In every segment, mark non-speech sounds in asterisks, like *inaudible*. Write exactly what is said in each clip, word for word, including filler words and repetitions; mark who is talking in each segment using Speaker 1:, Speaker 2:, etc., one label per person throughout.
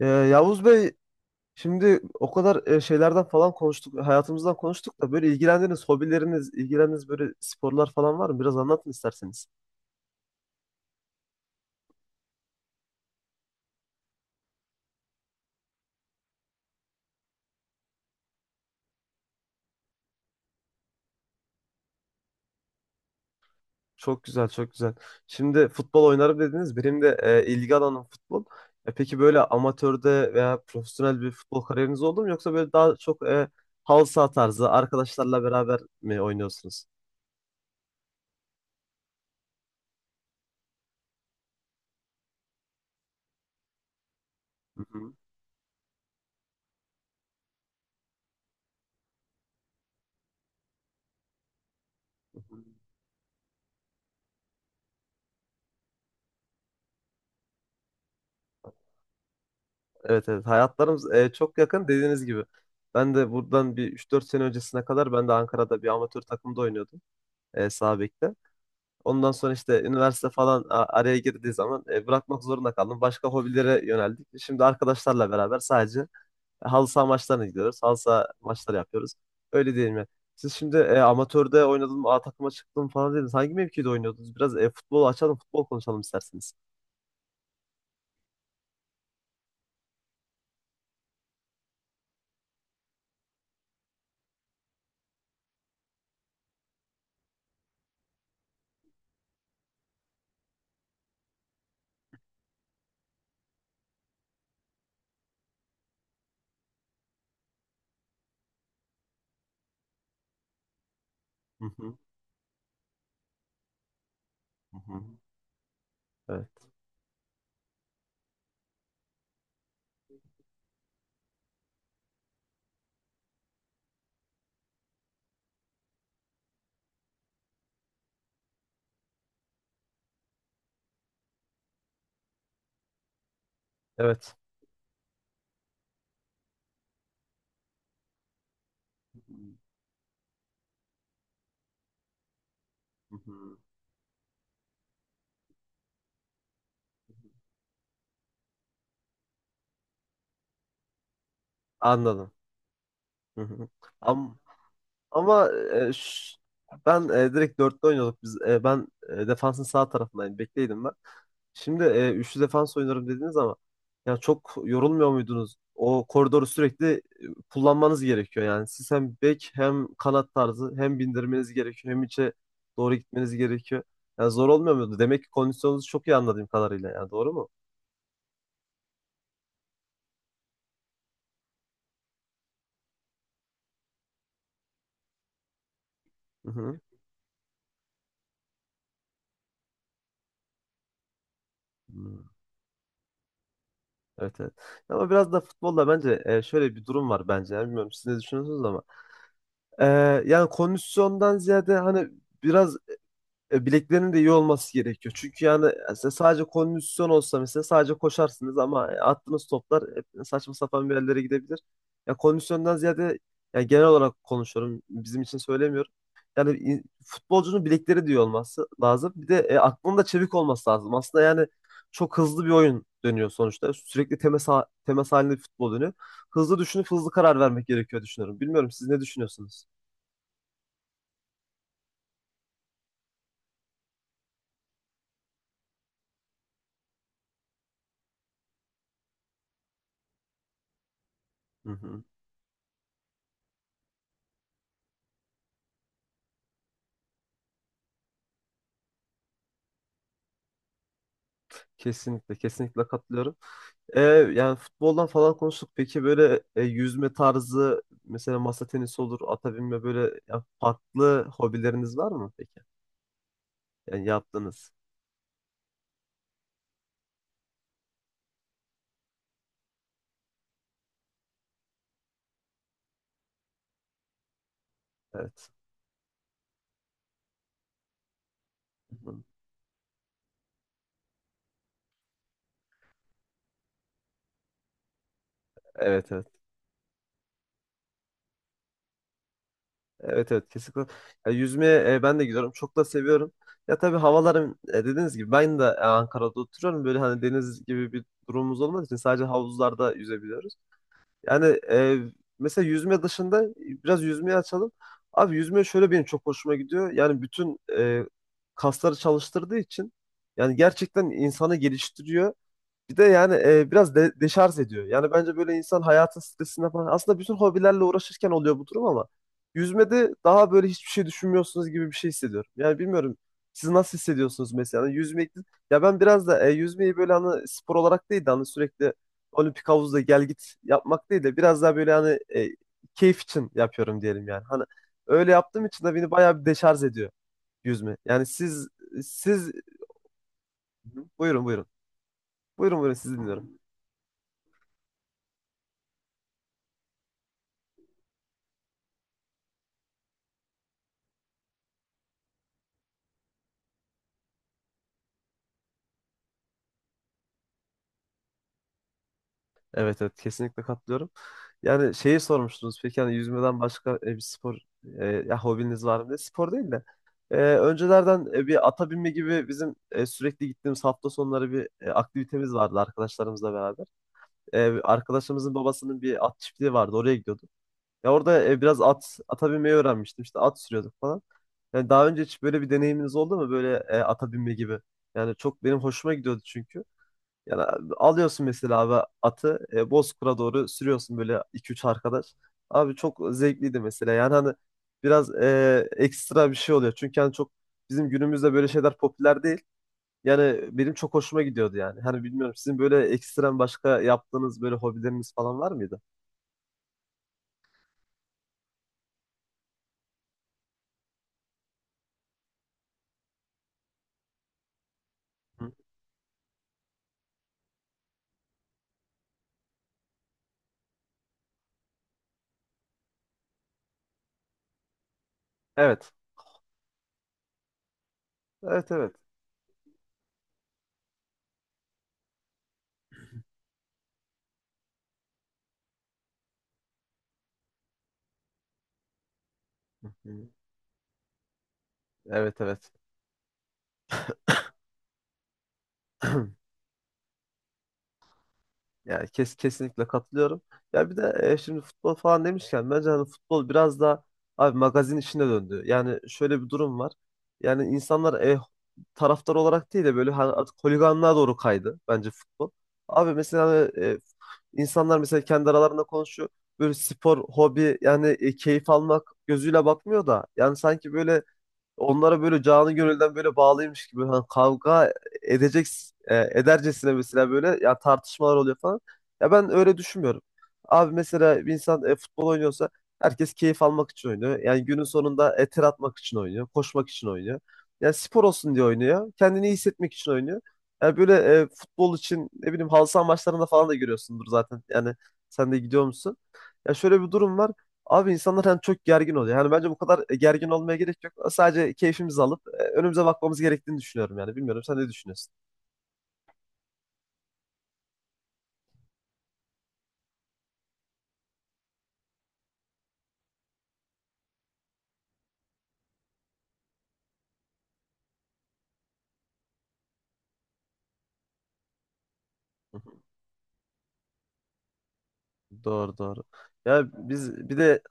Speaker 1: Ee, Yavuz Bey şimdi o kadar e, şeylerden falan konuştuk, hayatımızdan konuştuk da böyle ilgilendiğiniz hobileriniz, ilgilendiğiniz böyle sporlar falan var mı? Biraz anlatın isterseniz. Çok güzel, çok güzel. Şimdi futbol oynarım dediniz. Benim de e, ilgi alanım futbol. E, peki böyle amatörde veya profesyonel bir futbol kariyeriniz oldu mu? Yoksa böyle daha çok e, halı saha tarzı arkadaşlarla beraber mi oynuyorsunuz? Hı hı. Evet evet, hayatlarımız e, çok yakın dediğiniz gibi. Ben de buradan bir üç dört sene öncesine kadar ben de Ankara'da bir amatör takımda oynuyordum e, sağ bekte. Ondan sonra işte üniversite falan a- araya girdiği zaman e, bırakmak zorunda kaldım. Başka hobilere yöneldik. Şimdi arkadaşlarla beraber sadece halı saha maçlarına gidiyoruz. Halı saha maçları yapıyoruz. Öyle değil mi? Siz şimdi e, amatörde oynadım, A takıma çıktım falan dediniz. Hangi mevkide oynuyordunuz? Biraz e, futbol açalım, futbol konuşalım isterseniz. Hı hı. Hı hı. Evet. Evet. Hı hı. Anladım. Hı hı. Am- Ama, e, ş- ben e, direkt dörtte oynuyorduk biz. E, ben e, defansın sağ tarafındaydım, bekleydim ben. Şimdi e, üçlü defans oynarım dediniz ama ya çok yorulmuyor muydunuz? O koridoru sürekli e, kullanmanız gerekiyor yani. Siz hem bek hem kanat tarzı, hem bindirmeniz gerekiyor hem içe doğru gitmeniz gerekiyor. Yani zor olmuyor muydu? Demek ki kondisyonunuzu çok iyi, anladığım kadarıyla yani, doğru mu? Hı hı. Hmm. Evet, evet. Ama biraz da futbolda bence e, şöyle bir durum var bence. Yani bilmiyorum siz ne düşünüyorsunuz ama. E, Yani kondisyondan ziyade hani biraz e, bileklerinin de iyi olması gerekiyor. Çünkü yani e, mesela sadece kondisyon olsa, mesela sadece koşarsınız ama e, attığınız toplar hep saçma sapan bir yerlere gidebilir. Ya kondisyondan ziyade yani genel olarak konuşuyorum. Bizim için söylemiyorum. Yani in- futbolcunun bilekleri de iyi olması lazım. Bir de e, aklının da çevik olması lazım. Aslında yani çok hızlı bir oyun dönüyor sonuçta. Sürekli temas, ha- temas halinde bir futbol dönüyor. Hızlı düşünüp hızlı karar vermek gerekiyor düşünüyorum. Bilmiyorum siz ne düşünüyorsunuz? Hı hı. Kesinlikle, kesinlikle katılıyorum. E, Yani futboldan falan konuştuk. Peki böyle e, yüzme tarzı, mesela masa tenisi olur, ata binme böyle ya, farklı hobileriniz var mı peki? Yani yaptınız. Evet. Hı. Evet evet. Evet evet kesinlikle. Ya, yüzmeye e, ben de gidiyorum. Çok da seviyorum. Ya tabii havalarım e, dediğiniz gibi ben de e, Ankara'da oturuyorum. Böyle hani deniz gibi bir durumumuz olmadığı için sadece havuzlarda yüzebiliyoruz. Yani e, mesela yüzme dışında biraz yüzmeyi açalım. Abi yüzme şöyle benim çok hoşuma gidiyor. Yani bütün e, kasları çalıştırdığı için yani gerçekten insanı geliştiriyor. Bir de yani e, biraz de, deşarj ediyor. Yani bence böyle insan hayatın stresinden falan aslında bütün hobilerle uğraşırken oluyor bu durum ama yüzmede daha böyle hiçbir şey düşünmüyorsunuz gibi bir şey hissediyorum. Yani bilmiyorum siz nasıl hissediyorsunuz mesela. Yani yüzmek, ya ben biraz da e, yüzmeyi böyle hani spor olarak değil de hani sürekli olimpik havuzda gel git yapmak değil de biraz daha böyle hani e, keyif için yapıyorum diyelim yani. Hani öyle yaptığım için de beni bayağı bir deşarj ediyor yüzme. Yani siz siz buyurun buyurun. Buyurun buyurun, sizi dinliyorum. Evet evet kesinlikle katılıyorum. Yani şeyi sormuştunuz, peki hani yüzmeden başka e, bir spor e, ya hobiniz var mı diye. Spor değil de e, öncelerden e, bir ata binme gibi, bizim e, sürekli gittiğimiz hafta sonları bir e, aktivitemiz vardı arkadaşlarımızla beraber. E, arkadaşımızın babasının bir at çiftliği vardı, oraya gidiyorduk. Ya orada e, biraz at ata binmeyi öğrenmiştim, işte at sürüyorduk falan. Yani daha önce hiç böyle bir deneyiminiz oldu mu, böyle e, ata binme gibi? Yani çok benim hoşuma gidiyordu çünkü. Yani alıyorsun mesela abi atı e, Bozkır'a doğru sürüyorsun böyle iki üç arkadaş. Abi çok zevkliydi mesela. Yani hani biraz e, ekstra bir şey oluyor. Çünkü hani çok bizim günümüzde böyle şeyler popüler değil. Yani benim çok hoşuma gidiyordu yani. Hani bilmiyorum sizin böyle ekstrem başka yaptığınız böyle hobileriniz falan var mıydı? Hı. Evet. Evet evet. Hı hı. Evet evet. *clears throat* Yani kes, kesinlikle katılıyorum. Ya bir de e, şimdi futbol falan demişken bence hani futbol biraz da abi magazin işine döndü. Yani şöyle bir durum var. Yani insanlar e, taraftar olarak değil de böyle hani artık holiganlığa doğru kaydı bence futbol. Abi mesela hani, e, insanlar mesela kendi aralarında konuşuyor. Böyle spor, hobi yani e, keyif almak gözüyle bakmıyor da yani sanki böyle onlara böyle canı gönülden böyle bağlıymış gibi hani kavga edecek e, edercesine mesela böyle ya tartışmalar oluyor falan. Ya ben öyle düşünmüyorum. Abi mesela bir insan e, futbol oynuyorsa herkes keyif almak için oynuyor. Yani günün sonunda e, ter atmak için oynuyor, koşmak için oynuyor. Yani spor olsun diye oynuyor. Kendini iyi hissetmek için oynuyor. Yani böyle e, futbol için ne bileyim, halı saha maçlarında falan da görüyorsundur zaten. Yani sen de gidiyor musun? Ya şöyle bir durum var. Abi insanlar hani çok gergin oluyor. Yani bence bu kadar e, gergin olmaya gerek yok. Sadece keyfimizi alıp e, önümüze bakmamız gerektiğini düşünüyorum yani. Bilmiyorum sen ne düşünüyorsun? Hı hı. Doğru doğru. Ya biz bir de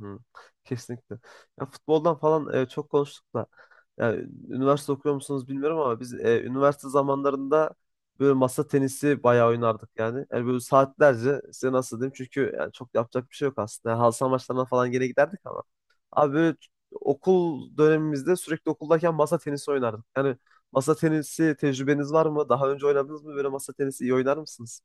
Speaker 1: hı, kesinlikle. Ya futboldan falan e, çok konuştuk da. Yani üniversite okuyor musunuz bilmiyorum ama biz e, üniversite zamanlarında böyle masa tenisi bayağı oynardık yani. Yani böyle saatlerce, size nasıl diyeyim, çünkü yani çok yapacak bir şey yok aslında. Yani halı saha maçlarına falan gene giderdik ama. Abi böyle ç- okul dönemimizde sürekli okuldayken masa tenisi oynardık. Yani masa tenisi tecrübeniz var mı? Daha önce oynadınız mı? Böyle masa tenisi iyi oynar mısınız?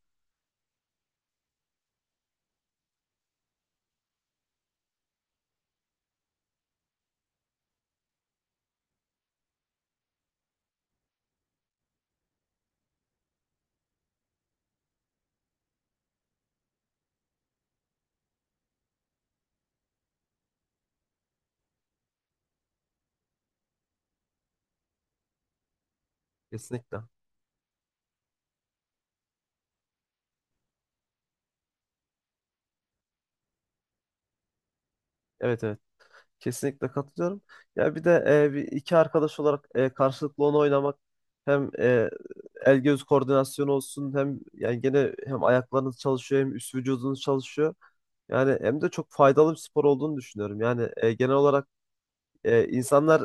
Speaker 1: Kesinlikle. Evet evet. Kesinlikle katılıyorum. Ya bir de e, bir iki arkadaş olarak e, karşılıklı onu oynamak, hem e, el göz koordinasyonu olsun hem yani gene hem ayaklarınız çalışıyor hem üst vücudunuz çalışıyor. Yani hem de çok faydalı bir spor olduğunu düşünüyorum. Yani e, genel olarak e, insanlar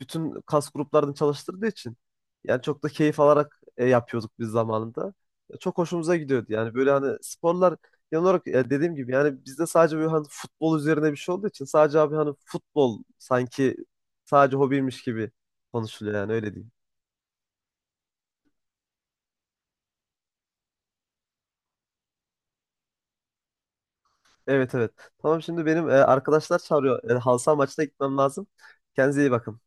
Speaker 1: bütün kas gruplarını çalıştırdığı için yani çok da keyif alarak e, yapıyorduk biz zamanında. E, Çok hoşumuza gidiyordu. Yani böyle hani sporlar genel olarak e, dediğim gibi yani bizde sadece böyle hani futbol üzerine bir şey olduğu için sadece abi hani futbol sanki sadece hobiymiş gibi konuşuluyor yani, öyle diyeyim. Evet evet. Tamam, şimdi benim e, arkadaşlar çağırıyor. E, halı saha maçına gitmem lazım. Kendinize iyi bakın.